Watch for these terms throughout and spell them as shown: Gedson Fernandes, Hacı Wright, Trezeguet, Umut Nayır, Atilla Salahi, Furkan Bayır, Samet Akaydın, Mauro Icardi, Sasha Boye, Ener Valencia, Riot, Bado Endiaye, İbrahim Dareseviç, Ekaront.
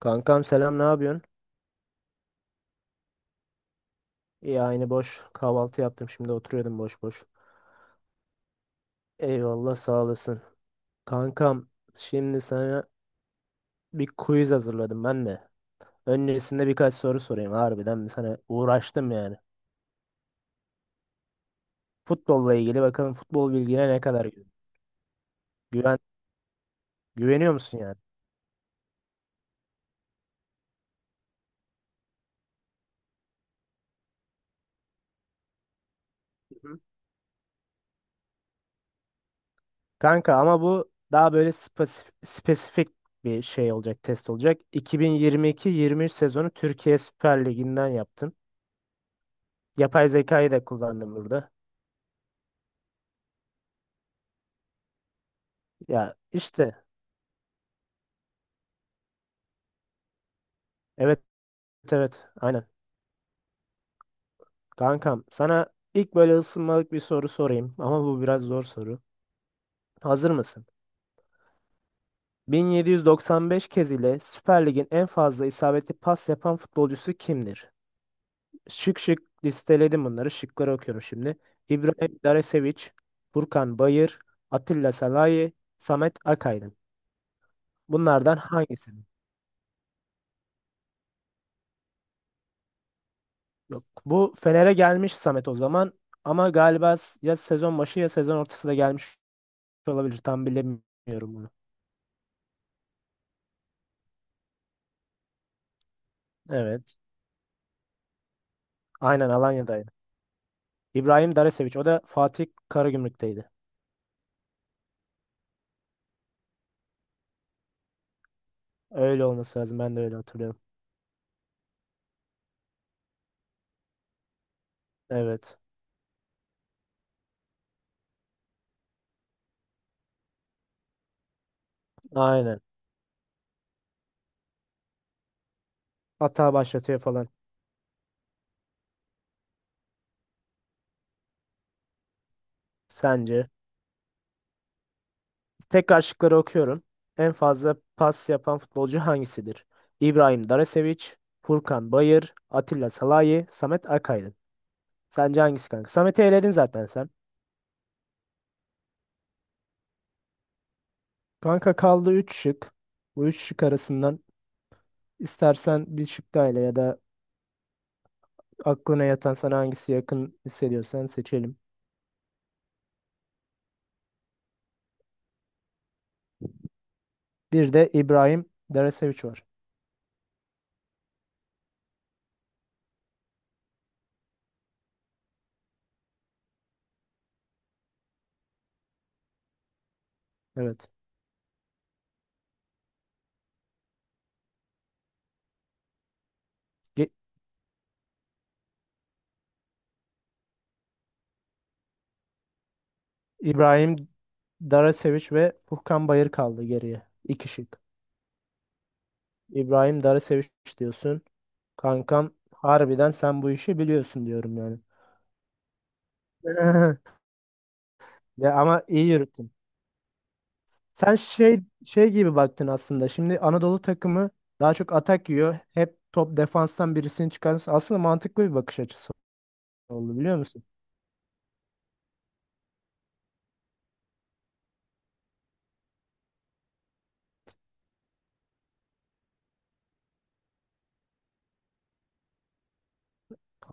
Kankam selam, ne yapıyorsun? İyi, aynı, boş. Kahvaltı yaptım, şimdi oturuyordum boş boş. Eyvallah, sağ olasın. Kankam, şimdi sana bir quiz hazırladım ben de. Öncesinde birkaç soru sorayım, harbiden mi sana uğraştım yani. Futbolla ilgili, bakalım futbol bilgine ne kadar güven güveniyor musun yani? Hı hı. Kanka ama bu daha böyle spesifik bir şey olacak, test olacak. 2022-23 sezonu Türkiye Süper Ligi'nden yaptım. Yapay zekayı da kullandım burada. Ya işte, Evet evet aynen. Kankam, sana ilk böyle ısınmalık bir soru sorayım ama bu biraz zor soru. Hazır mısın? 1795 kez ile Süper Lig'in en fazla isabetli pas yapan futbolcusu kimdir? Şık listeledim bunları. Şıkları okuyorum şimdi. İbrahim Daresevic, Furkan Bayır, Atilla Salahi, Samet Akaydın. Bunlardan hangisi? Yok. Bu Fener'e gelmiş Samet o zaman, ama galiba ya sezon başı ya sezon ortasında gelmiş olabilir. Tam bilemiyorum. Evet. Aynen, Alanya'daydı. İbrahim Dareseviç. O da Fatih Karagümrük'teydi. Öyle olması lazım. Ben de öyle hatırlıyorum. Evet. Aynen. Hata başlatıyor falan. Sence? Tekrar şıkları okuyorum. En fazla pas yapan futbolcu hangisidir? İbrahim Dareseviç, Furkan Bayır, Atilla Salahi, Samet Akaydın. Sence hangisi kanka? Samet'i eledin zaten sen. Kanka, kaldı 3 şık. Bu üç şık arasından istersen bir şık daha ele, ya da aklına yatan, sana hangisi yakın hissediyorsan seçelim. Bir de İbrahim Dereseviç var. Evet. Ge- İbrahim Daraseviç ve Furkan Bayır kaldı geriye. İki şık. İbrahim Daraseviç diyorsun. Kankam harbiden sen bu işi biliyorsun diyorum yani. Ya ama iyi yürüttün. Sen şey gibi baktın aslında. Şimdi Anadolu takımı daha çok atak yiyor. Hep top, defanstan birisini çıkarırsın. Aslında mantıklı bir bakış açısı oldu, biliyor musun?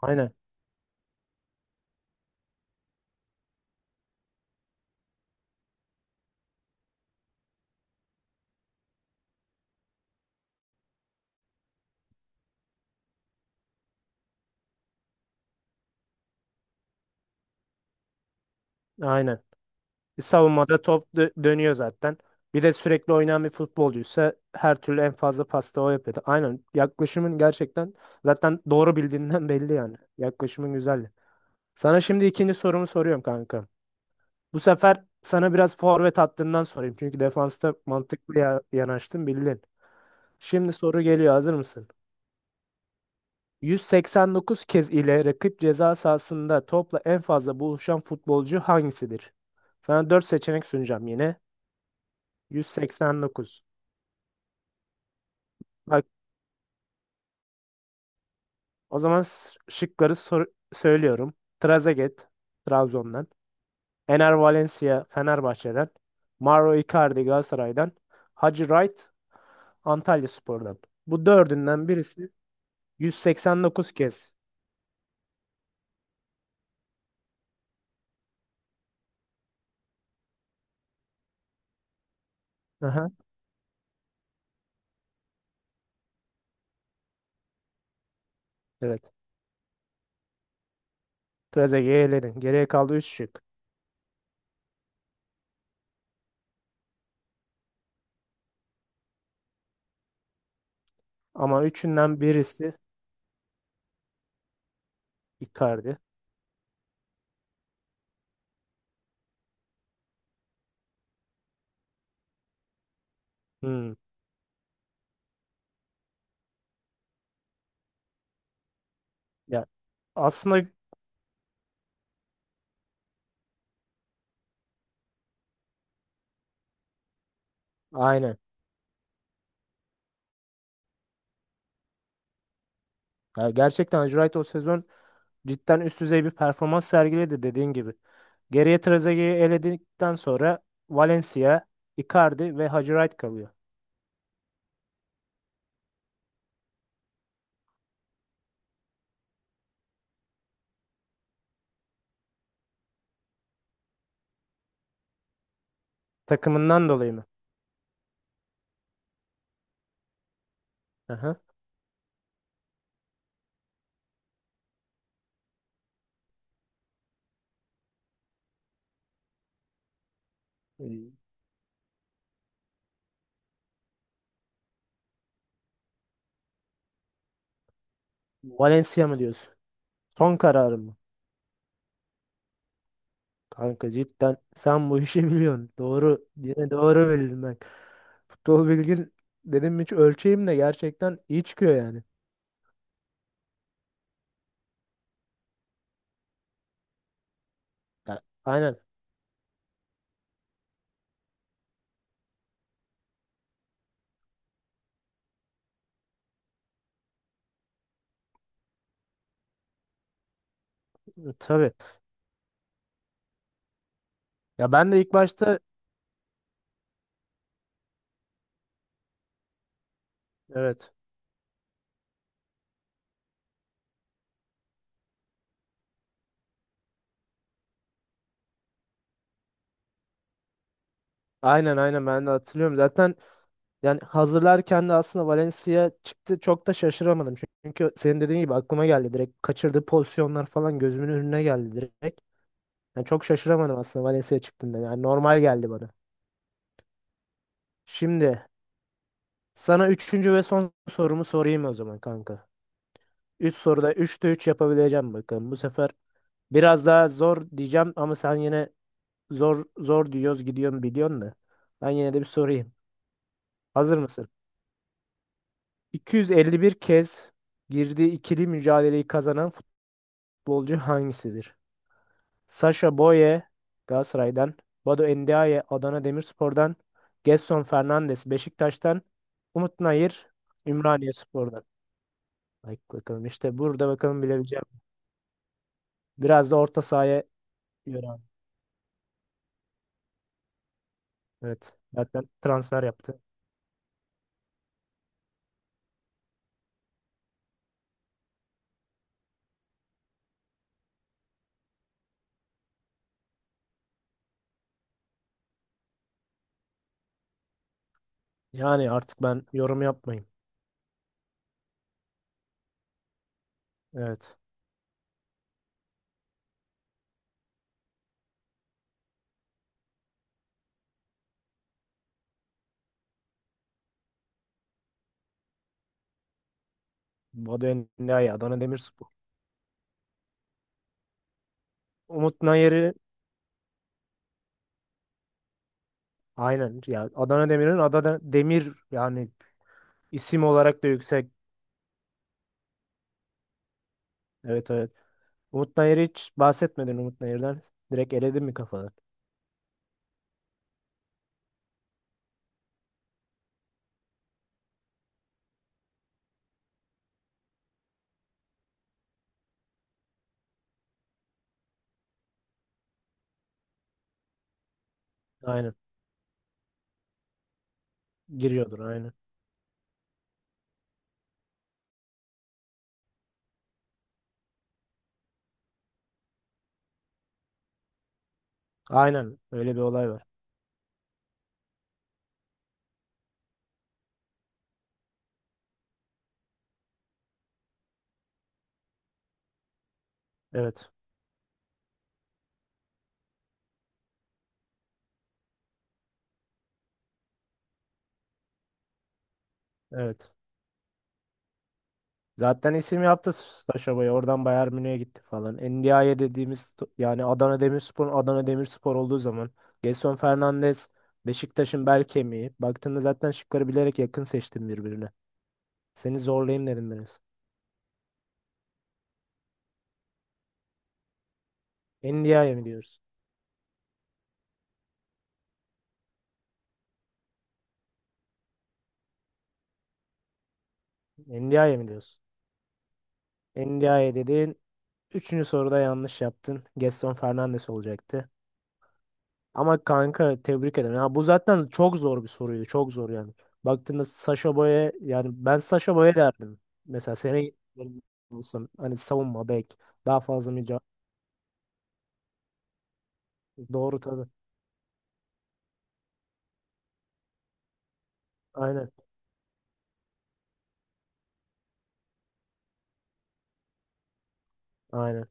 Aynen. Aynen. E, savunmada top dönüyor zaten. Bir de sürekli oynayan bir futbolcuysa her türlü en fazla pasta o yapıyordu. Aynen. Yaklaşımın gerçekten zaten doğru bildiğinden belli yani. Yaklaşımın güzeldi. Sana şimdi ikinci sorumu soruyorum kanka. Bu sefer sana biraz forvet hattından sorayım. Çünkü defansta mantıklı ya, yanaştın, bildin. Şimdi soru geliyor. Hazır mısın? 189 kez ile rakip ceza sahasında topla en fazla buluşan futbolcu hangisidir? Sana 4 seçenek sunacağım yine. 189. Bak, o zaman söylüyorum. Trezeguet Trabzon'dan. Ener Valencia Fenerbahçe'den. Mauro Icardi Galatasaray'dan. Hacı Wright Antalyaspor'dan. Bu dördünden birisi 189 kez. Aha, evet. Trezeguet'i eledin. Geriye kaldı 3 şık. Ama üçünden birisi Icardi. Hmm. Ya aslında aynen. Ya gerçekten Albright o sezon cidden üst düzey bir performans sergiledi dediğin gibi. Geriye Trezeguet'i eledikten sonra Valencia, Icardi ve Albright kalıyor. Takımından dolayı mı? Aha. Ee, Valencia mı diyorsun? Son kararı mı? Kanka cidden sen bu işi biliyorsun. Doğru. Yine doğru bildin bak. Futbol bilgin, dedim hiç ölçeyim de gerçekten iyi çıkıyor yani. Ya, aynen. E, tabii. Ya ben de ilk başta, evet. Aynen ben de hatırlıyorum. Zaten yani hazırlarken de aslında Valencia çıktı. Çok da şaşıramadım. Çünkü senin dediğin gibi aklıma geldi direkt. Kaçırdığı pozisyonlar falan gözümün önüne geldi direkt. Yani çok şaşıramadım aslında Valencia çıktığında. Yani normal geldi bana. Şimdi sana üçüncü ve son sorumu sorayım o zaman kanka. Üç soruda üçte üç yapabileceğim bakalım. Bu sefer biraz daha zor diyeceğim ama sen yine zor diyoruz gidiyorum biliyorsun da. Ben yine de bir sorayım. Hazır mısın? 251 kez girdiği ikili mücadeleyi kazanan futbolcu hangisidir? Sasha Boye Galatasaray'dan, Bado Endiaye Adana Demirspor'dan, Gedson Fernandes Beşiktaş'tan, Umut Nayır Ümraniyespor'dan. Bak bakalım, işte burada bakalım bilebileceğim. Biraz da orta sahaya göre, abi. Evet. Zaten transfer yaptı. Yani artık ben yorum yapmayayım. Evet. Bado Endiaye, Adana Demirspor. Umut Nayır'ı. Aynen ya, Adana Demir'in, Adana Demir yani isim olarak da yüksek. Evet, evet. Umut Nayır'ı hiç bahsetmedin, Umut Nayır'dan. Direkt eledin mi kafadan? Aynen. Giriyordur, aynen. Aynen öyle bir olay var. Evet. Evet. Zaten isim yaptı Saşa Boy. Oradan Bayern Münih'e gitti falan. NDI'ye dediğimiz, yani Adana Demirspor, olduğu zaman Gelson Fernandes Beşiktaş'ın bel kemiği. Baktığında zaten şıkları bilerek yakın seçtim birbirine. Seni zorlayayım dedim biraz. NDI'ye mi diyoruz? NDI'ye mi diyorsun? NDI'ye dedin. Üçüncü soruda yanlış yaptın. Gedson Fernandes olacaktı. Ama kanka tebrik ederim. Ya bu zaten çok zor bir soruydu. Çok zor yani. Baktığında Sasha Boy'a, yani ben Sasha Boy'a derdim. Mesela seni olsam hani savunma bek, daha fazla mücadele. Doğru tabii. Aynen. Aynen.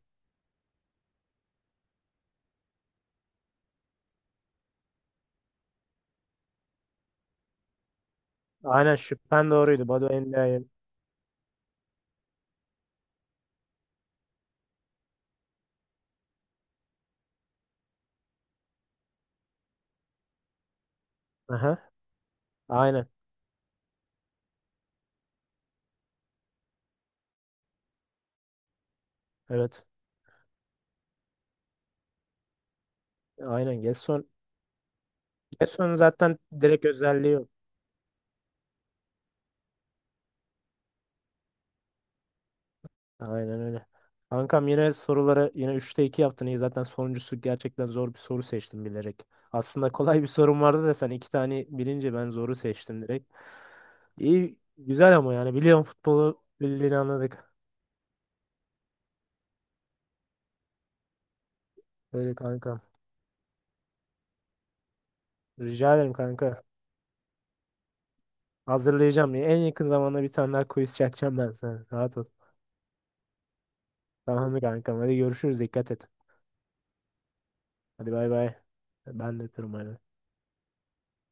Aynen şüphen doğruydu. Badu NDI'ye. Aha. Aynen. Evet. Aynen. Gerson. Gedson'un zaten direkt özelliği yok. Aynen öyle. Kankam yine soruları yine üçte 2 yaptın. İyi, zaten sonuncusu gerçekten zor bir soru seçtim bilerek. Aslında kolay bir sorum vardı da sen iki tane bilince ben zoru seçtim direkt. İyi güzel, ama yani biliyorum, futbolu bildiğini anladık. Öyle kankam. Rica ederim kanka. Hazırlayacağım. En yakın zamanda bir tane daha quiz çekeceğim ben sana. Rahat ol. Tamam mı kankam? Hadi görüşürüz. Dikkat et. Hadi bay bay. Ben de öpüyorum. Bay bay.